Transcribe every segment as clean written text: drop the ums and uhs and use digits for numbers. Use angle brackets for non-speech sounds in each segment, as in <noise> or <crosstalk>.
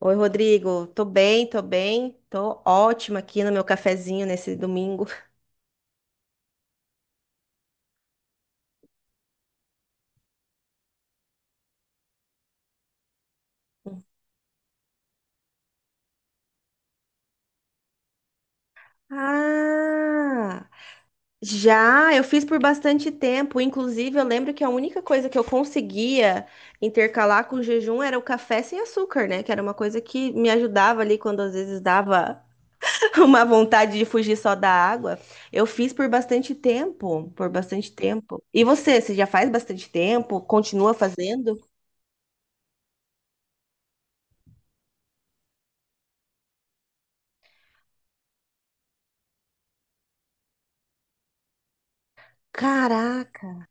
Oi, Rodrigo. Tô bem, tô bem. Tô ótima aqui no meu cafezinho nesse domingo. Ah! Já, eu fiz por bastante tempo. Inclusive, eu lembro que a única coisa que eu conseguia intercalar com o jejum era o café sem açúcar, né? Que era uma coisa que me ajudava ali quando às vezes dava <laughs> uma vontade de fugir só da água. Eu fiz por bastante tempo, por bastante tempo. E você já faz bastante tempo? Continua fazendo? Caraca,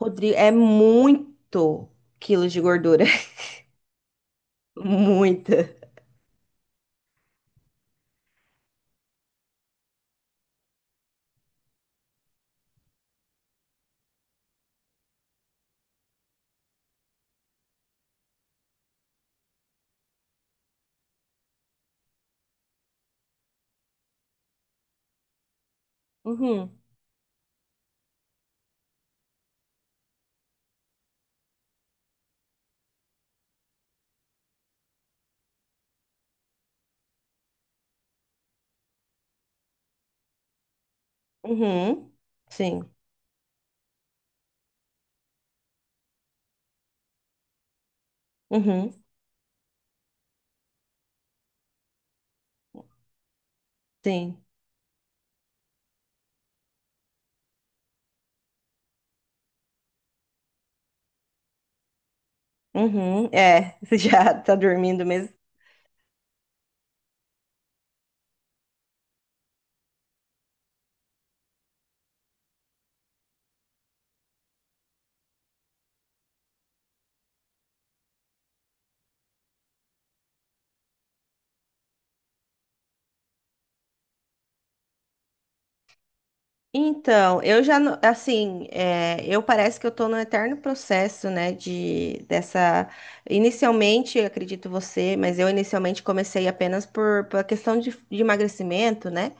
Rodrigo, é muito quilos de gordura. <laughs> Muita. Uhum, uhum, sim, uhum, sim, uhum. É, <laughs> você já tá dormindo mesmo. Então, eu já, não- assim, eu parece que eu tô no eterno processo, né, inicialmente, eu acredito você, mas eu inicialmente comecei apenas por questão de emagrecimento, né,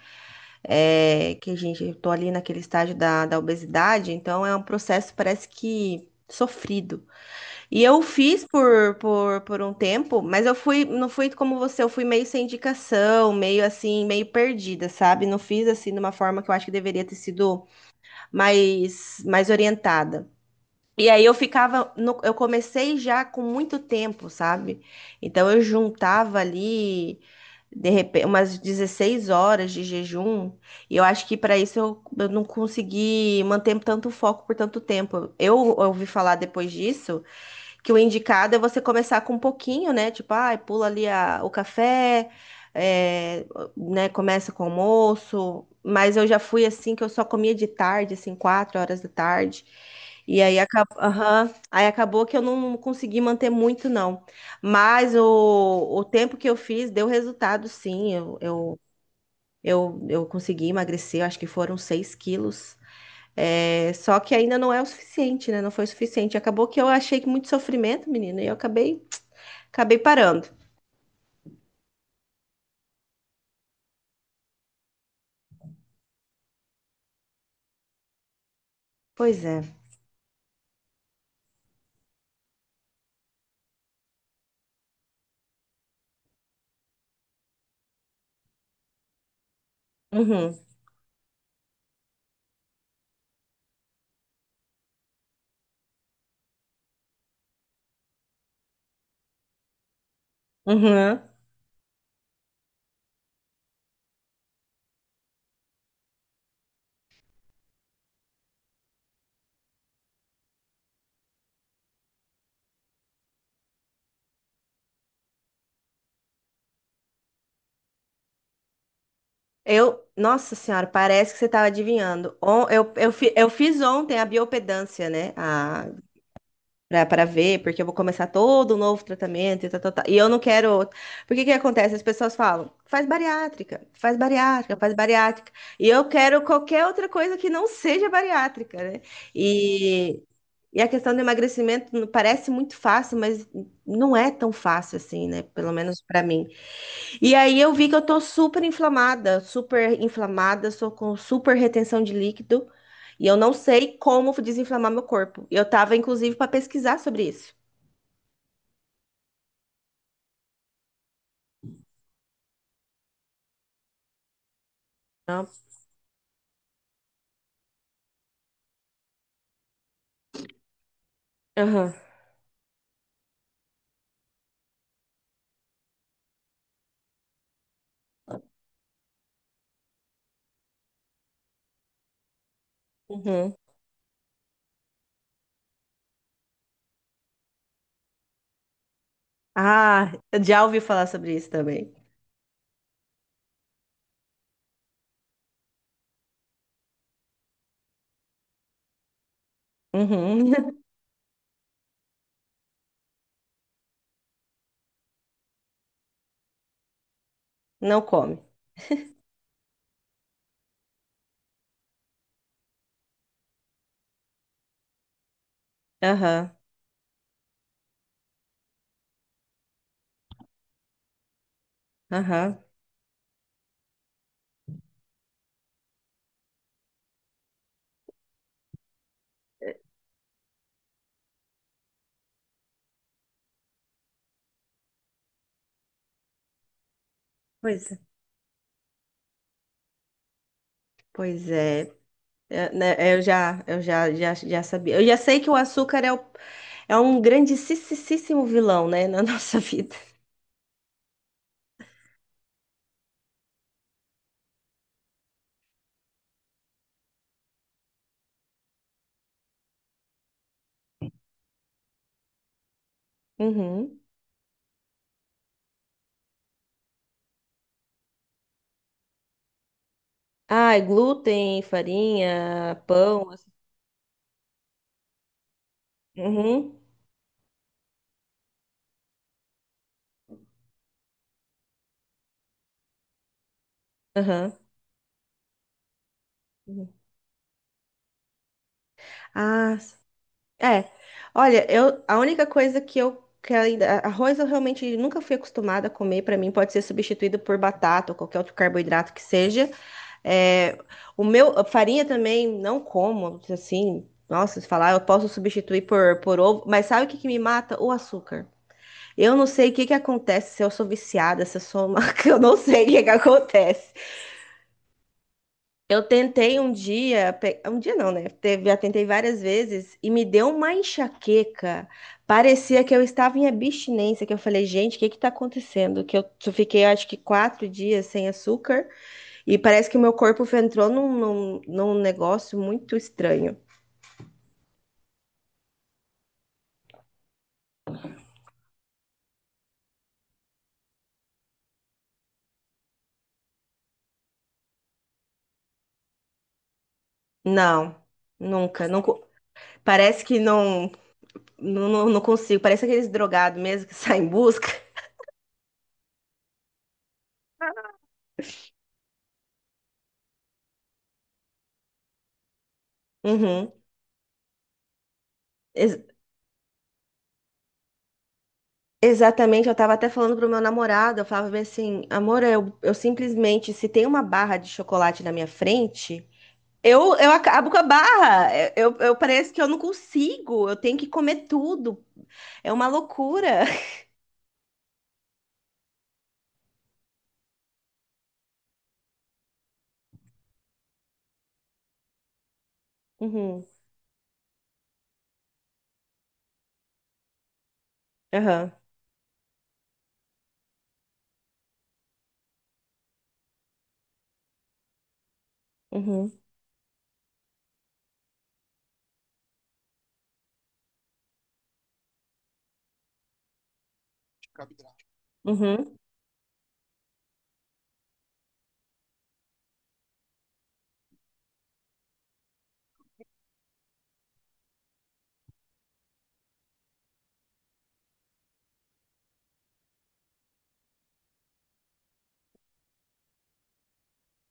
é, que, gente, eu tô ali naquele estágio da obesidade, então é um processo, parece que, sofrido. E eu fiz por um tempo, mas eu fui, não fui como você, eu fui meio sem indicação, meio assim, meio perdida, sabe? Não fiz assim de uma forma que eu acho que deveria ter sido mais, mais orientada. E aí eu ficava, eu comecei já com muito tempo, sabe? Então eu juntava ali de repente umas 16 horas de jejum, e eu acho que para isso eu não consegui manter tanto foco por tanto tempo. Eu ouvi falar depois disso que o indicado é você começar com um pouquinho, né? Tipo, ai, pula ali o café, é, né? Começa com o almoço. Mas eu já fui assim que eu só comia de tarde, assim, 4 horas da tarde. E aí, aham. Aí acabou que eu não consegui manter muito, não. Mas o tempo que eu fiz deu resultado, sim. Eu consegui emagrecer, acho que foram 6 quilos. É, só que ainda não é o suficiente, né? Não foi o suficiente. Acabou que eu achei que muito sofrimento, menino, e eu acabei parando. Pois é. Uhum. Uhum. Eu, nossa senhora, parece que você estava adivinhando. Eu fiz ontem a biopedância, né? A Pra, pra ver, porque eu vou começar todo um novo tratamento e tal, tal, tal. E eu não quero. Porque que acontece? As pessoas falam, faz bariátrica, faz bariátrica, faz bariátrica. E eu quero qualquer outra coisa que não seja bariátrica, né? E, e a questão do emagrecimento parece muito fácil, mas não é tão fácil assim, né? Pelo menos pra mim. E aí eu vi que eu tô super inflamada, sou com super retenção de líquido e eu não sei como desinflamar meu corpo. Eu tava inclusive para pesquisar sobre isso. Ah, aham. Uhum. Ah, eu já ouvi falar sobre isso também. Uhum. <laughs> Não come. Aham. Aham. Pois é. Pois é. É, né, eu já, já sabia. Eu já sei que o açúcar é um grandissíssimo vilão, né, <laughs> na nossa vida. Uhum. Ah, glúten, farinha, pão. Assim. Uhum. Aham. Uhum. Ah, é. Olha, eu, a única coisa que eu que ainda, arroz eu realmente nunca fui acostumada a comer. Para mim pode ser substituído por batata ou qualquer outro carboidrato que seja. É, o meu, a farinha também não como, assim, nossa, se falar, eu posso substituir por ovo, mas sabe o que que me mata? O açúcar. Eu não sei o que que acontece, se eu sou viciada, se eu sou uma... <laughs> Eu não sei o que que acontece. Eu tentei um dia, um dia não, né? Teve, já tentei várias vezes e me deu uma enxaqueca. Parecia que eu estava em abstinência, que eu falei, gente, o que que tá acontecendo? Que eu só fiquei, acho que 4 dias sem açúcar e parece que o meu corpo entrou num negócio muito estranho. Não, nunca, não, parece que não, não, não não consigo. Parece aqueles drogados mesmo que <laughs> saem em busca. Uhum. Ex- Exatamente, eu tava até falando pro meu namorado, eu falava bem assim, amor, eu simplesmente, se tem uma barra de chocolate na minha frente, eu acabo com a barra, parece que eu não consigo, eu tenho que comer tudo, é uma loucura. <laughs> Uhum, aham, uhum, uhum,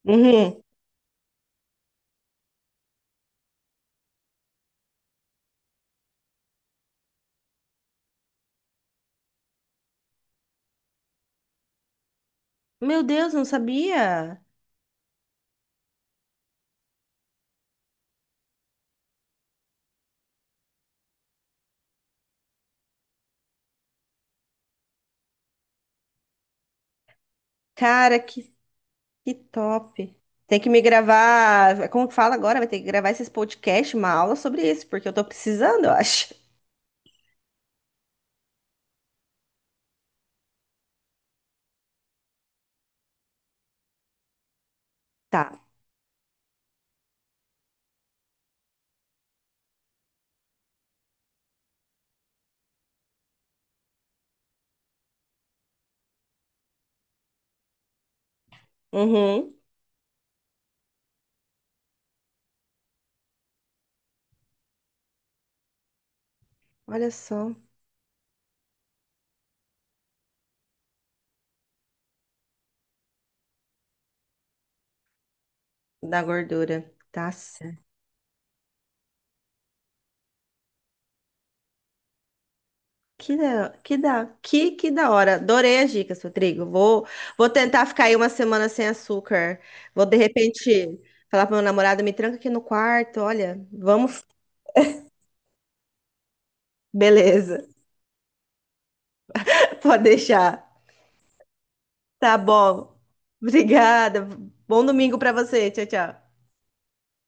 uhum. Meu Deus, eu não sabia? Cara, que top. Tem que me gravar, como que fala agora? Vai ter que gravar esses podcasts, uma aula sobre isso, porque eu tô precisando, eu acho. Tá. Uhum. Olha só, da gordura. Tá, certo. Que da hora. Adorei as dicas, Rodrigo. Vou tentar ficar aí uma semana sem açúcar. Vou, de repente, falar pro meu namorado, me tranca aqui no quarto. Olha, vamos. Beleza, <laughs> pode deixar. Tá bom. Obrigada. Bom domingo pra você. Tchau, tchau.